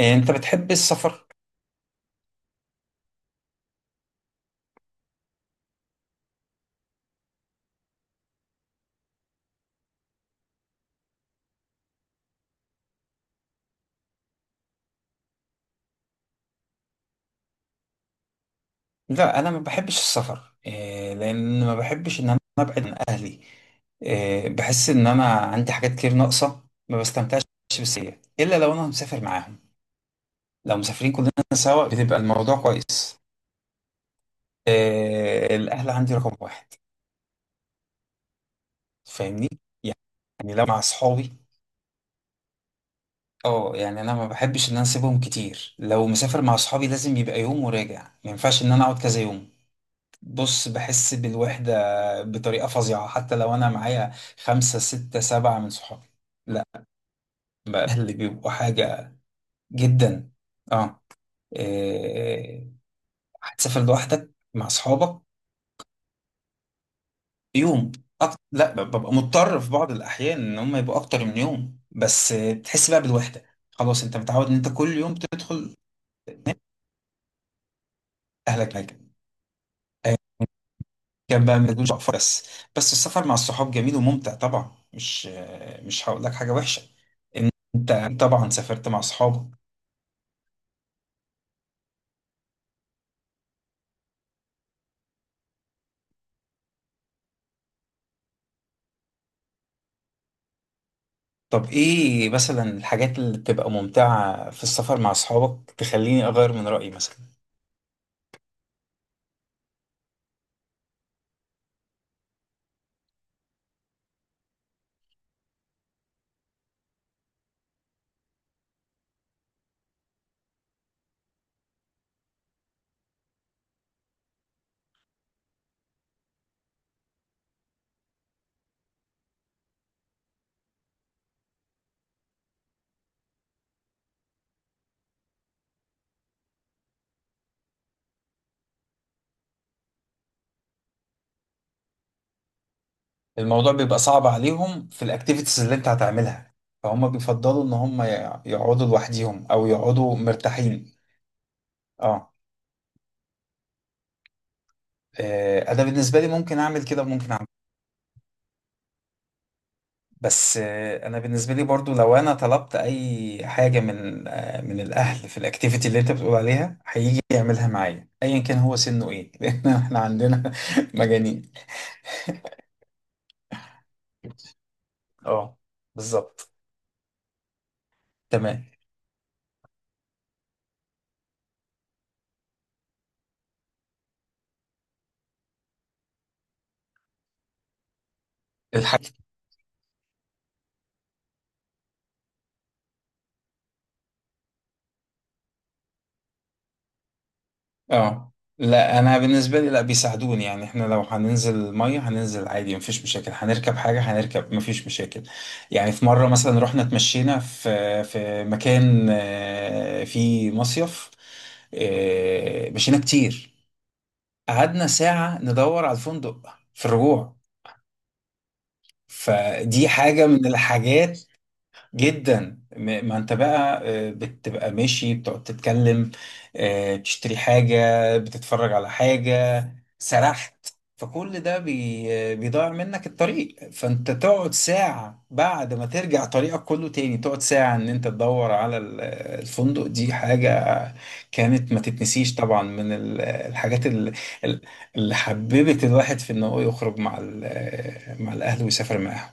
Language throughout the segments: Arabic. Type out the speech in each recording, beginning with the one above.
إيه، انت بتحب السفر؟ لا، انا ما بحبش السفر. إيه، لان ما بحبش ان انا ابعد عن اهلي. إيه، بحس ان انا عندي حاجات كتير ناقصه، ما بستمتعش بالسفرية الا لو انا مسافر معاهم. لو مسافرين كلنا سوا، بتبقى الموضوع كويس. إيه، الاهل عندي رقم واحد. فاهمني؟ يعني لو مع اصحابي، اه يعني انا ما بحبش ان انا اسيبهم كتير. لو مسافر مع اصحابي لازم يبقى يوم وراجع، ما ينفعش ان انا اقعد كذا يوم. بص، بحس بالوحدة بطريقة فظيعة حتى لو أنا معايا خمسة ستة سبعة من صحابي. لا، بقى اللي بيبقوا حاجة جدا. اه، إيه، هتسافر لوحدك مع صحابك؟ يوم. أك... لا ب- ببقى مضطر في بعض الأحيان إن هم يبقوا أكتر من يوم، بس بتحس بقى بالوحدة. خلاص، أنت متعود إن أنت كل يوم تدخل أهلك حاجة. كان بقى ما تقولش اقفر، بس. بس السفر مع الصحاب جميل وممتع طبعا. مش هقول لك حاجه وحشه. انت طبعا سافرت مع اصحابك. طب ايه مثلا الحاجات اللي بتبقى ممتعه في السفر مع اصحابك تخليني اغير من رايي مثلا؟ الموضوع بيبقى صعب عليهم في الاكتيفيتيز اللي انت هتعملها، فهم بيفضلوا ان هم يقعدوا لوحديهم او يقعدوا مرتاحين. اه، انا بالنسبه لي ممكن اعمل كده وممكن. بس انا بالنسبه لي برضو لو انا طلبت اي حاجه من من الاهل في الاكتيفيتي اللي انت بتقول عليها، هيجي يعملها معايا ايا كان هو سنه ايه. لان احنا عندنا مجانين. اه، بالظبط. تمام. الحاجه، اه لا انا بالنسبه لي لا بيساعدوني. يعني احنا لو هننزل ميه هننزل عادي مفيش مشاكل، هنركب حاجه هنركب مفيش مشاكل. يعني في مره مثلا رحنا اتمشينا في مكان فيه مصيف. مشينا كتير، قعدنا ساعه ندور على الفندق في الرجوع. فدي حاجه من الحاجات. جدا. ما انت بقى بتبقى ماشي، بتقعد تتكلم، تشتري حاجة، بتتفرج على حاجة، سرحت، فكل ده بي آه، بيضيع منك الطريق، فانت تقعد ساعة بعد ما ترجع طريقك كله تاني، تقعد ساعة ان انت تدور على الفندق. دي حاجة كانت ما تتنسيش طبعا من الحاجات ال- اللي حببت الواحد في انه يخرج مع مع الاهل ويسافر معاهم.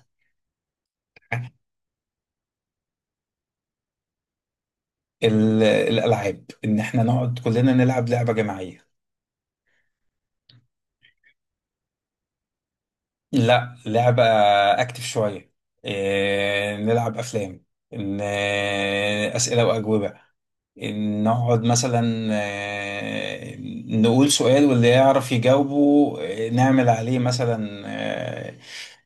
الالعاب، ان احنا نقعد كلنا نلعب لعبه جماعيه. لا، لعبه اكتف شويه. إيه، نلعب افلام، إن إيه، اسئله واجوبه، إن نقعد مثلا، إيه، نقول سؤال واللي يعرف يجاوبه. إيه، نعمل عليه مثلا، إيه،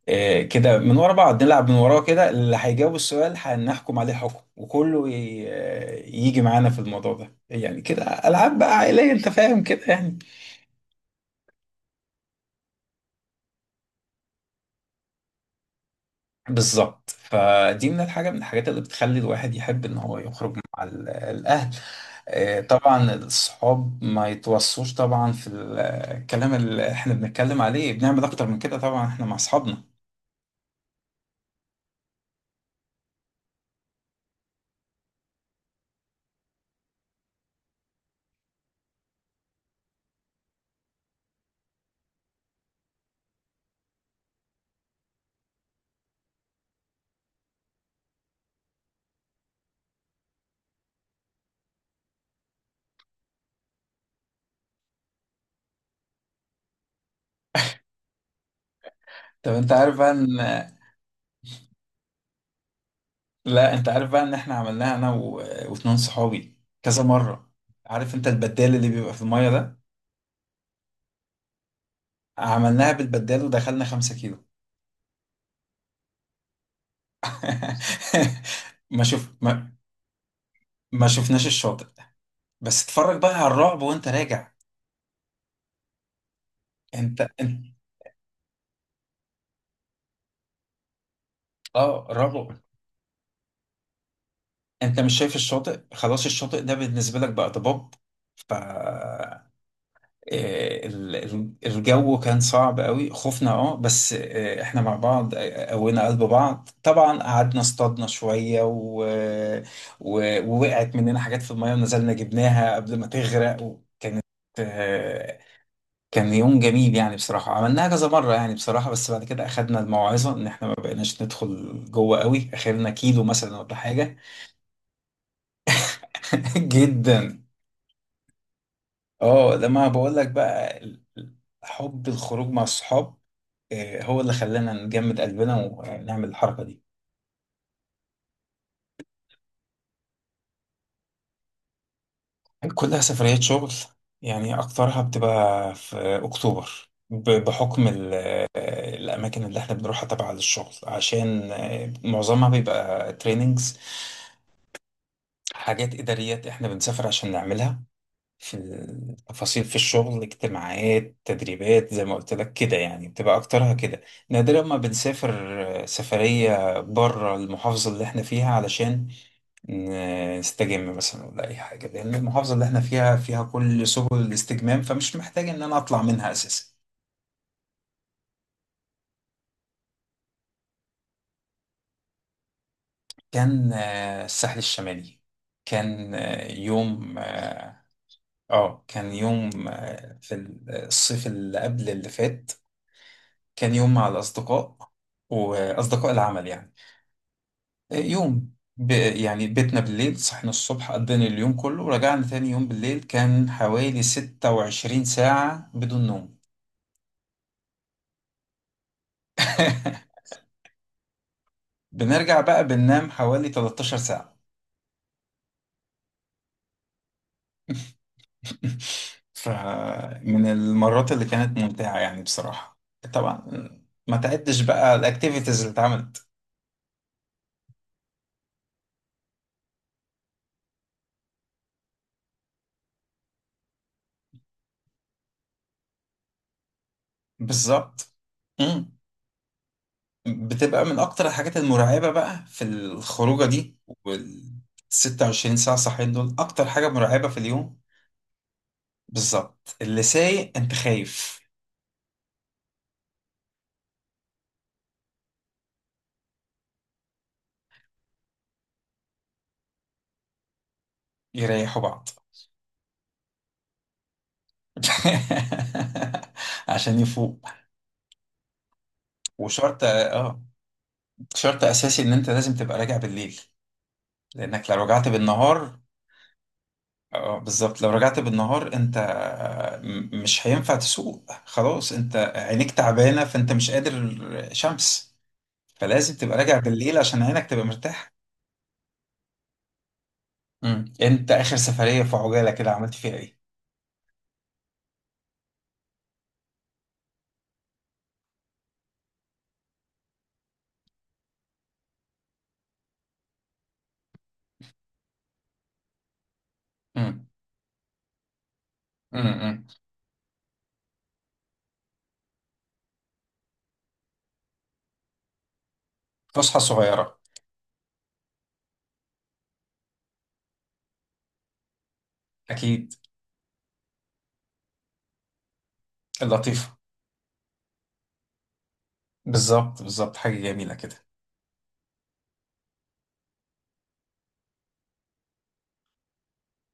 إيه، كده من ورا بعض. نلعب من وراه كده، اللي هيجاوب السؤال هنحكم عليه حكم وكله يجي معانا في الموضوع ده. يعني كده ألعاب بقى عائلية، أنت فاهم كده يعني. بالظبط، فدي من الحاجات اللي بتخلي الواحد يحب إن هو يخرج مع الأهل. طبعا الصحاب ما يتوصوش طبعا في الكلام اللي احنا بنتكلم عليه، بنعمل أكتر من كده طبعا احنا مع أصحابنا. طب أنت عارف بقى إن، لا أنت عارف بقى إن احنا عملناها أنا واتنين صحابي كذا مرة. عارف أنت البدال اللي بيبقى في المية ده؟ عملناها بالبدال ودخلنا 5 كيلو. ما شوف ما, ما شفناش الشاطئ. بس اتفرج بقى على الرعب وانت راجع. انت اه رابع. انت مش شايف الشاطئ، خلاص الشاطئ ده بالنسبه لك بقى ضباب. ف الجو كان صعب قوي، خفنا اه، بس احنا مع بعض، قوينا قلب بعض طبعا، قعدنا اصطادنا شويه و... ووقعت مننا حاجات في الميه ونزلنا جبناها قبل ما تغرق. وكانت آه، كان يوم جميل يعني بصراحة. عملناها كذا مرة يعني بصراحة، بس بعد كده أخدنا الموعظة إن إحنا ما بقيناش ندخل جوه قوي، آخرنا 1 كيلو مثلا ولا حاجة. جدا. اه لما بقول لك بقى حب الخروج مع الصحاب، هو اللي خلانا نجمد قلبنا ونعمل الحركة دي. كلها سفريات شغل، يعني أكترها بتبقى في أكتوبر بحكم الأماكن اللي إحنا بنروحها تبع للشغل، عشان معظمها بيبقى تريننجز. حاجات إداريات إحنا بنسافر عشان نعملها في التفاصيل في الشغل، اجتماعات تدريبات زي ما قلت لك كده، يعني بتبقى أكترها كده. نادرا ما بنسافر سفرية بره المحافظة اللي إحنا فيها علشان نستجم مثلا ولا أي حاجة، لأن المحافظة اللي إحنا فيها فيها كل سبل الاستجمام، فمش محتاج إن أنا أطلع منها أساسا. كان الساحل الشمالي، كان يوم، اه كان يوم في الصيف اللي قبل اللي فات. كان يوم مع الأصدقاء وأصدقاء العمل يعني. يوم يعني بيتنا بالليل، صحنا الصبح، قضينا اليوم كله، ورجعنا تاني يوم بالليل. كان حوالي 26 ساعة بدون نوم. بنرجع بقى بننام حوالي 13 ساعة. فمن المرات اللي كانت ممتعة يعني بصراحة. طبعا ما تعدش بقى الأكتيفيتيز اللي اتعملت. بالظبط، بتبقى من اكتر الحاجات المرعبة بقى في الخروجة دي. وال 26 ساعة صاحيين دول اكتر حاجة مرعبة في اليوم. بالظبط، اللي سايق انت خايف. يريحوا بعض. عشان يفوق. وشرط، اه، شرط اساسي ان انت لازم تبقى راجع بالليل، لانك لو رجعت بالنهار، اه بالظبط. لو رجعت بالنهار انت مش هينفع تسوق، خلاص انت عينيك تعبانة، فانت مش قادر. شمس. فلازم تبقى راجع بالليل عشان عينك تبقى مرتاحة. امم، انت اخر سفرية في عجالة كده عملت فيها ايه؟ امم، امم، فسحة صغيرة. اكيد، لطيفة. بالظبط بالظبط، حاجة جميلة كده.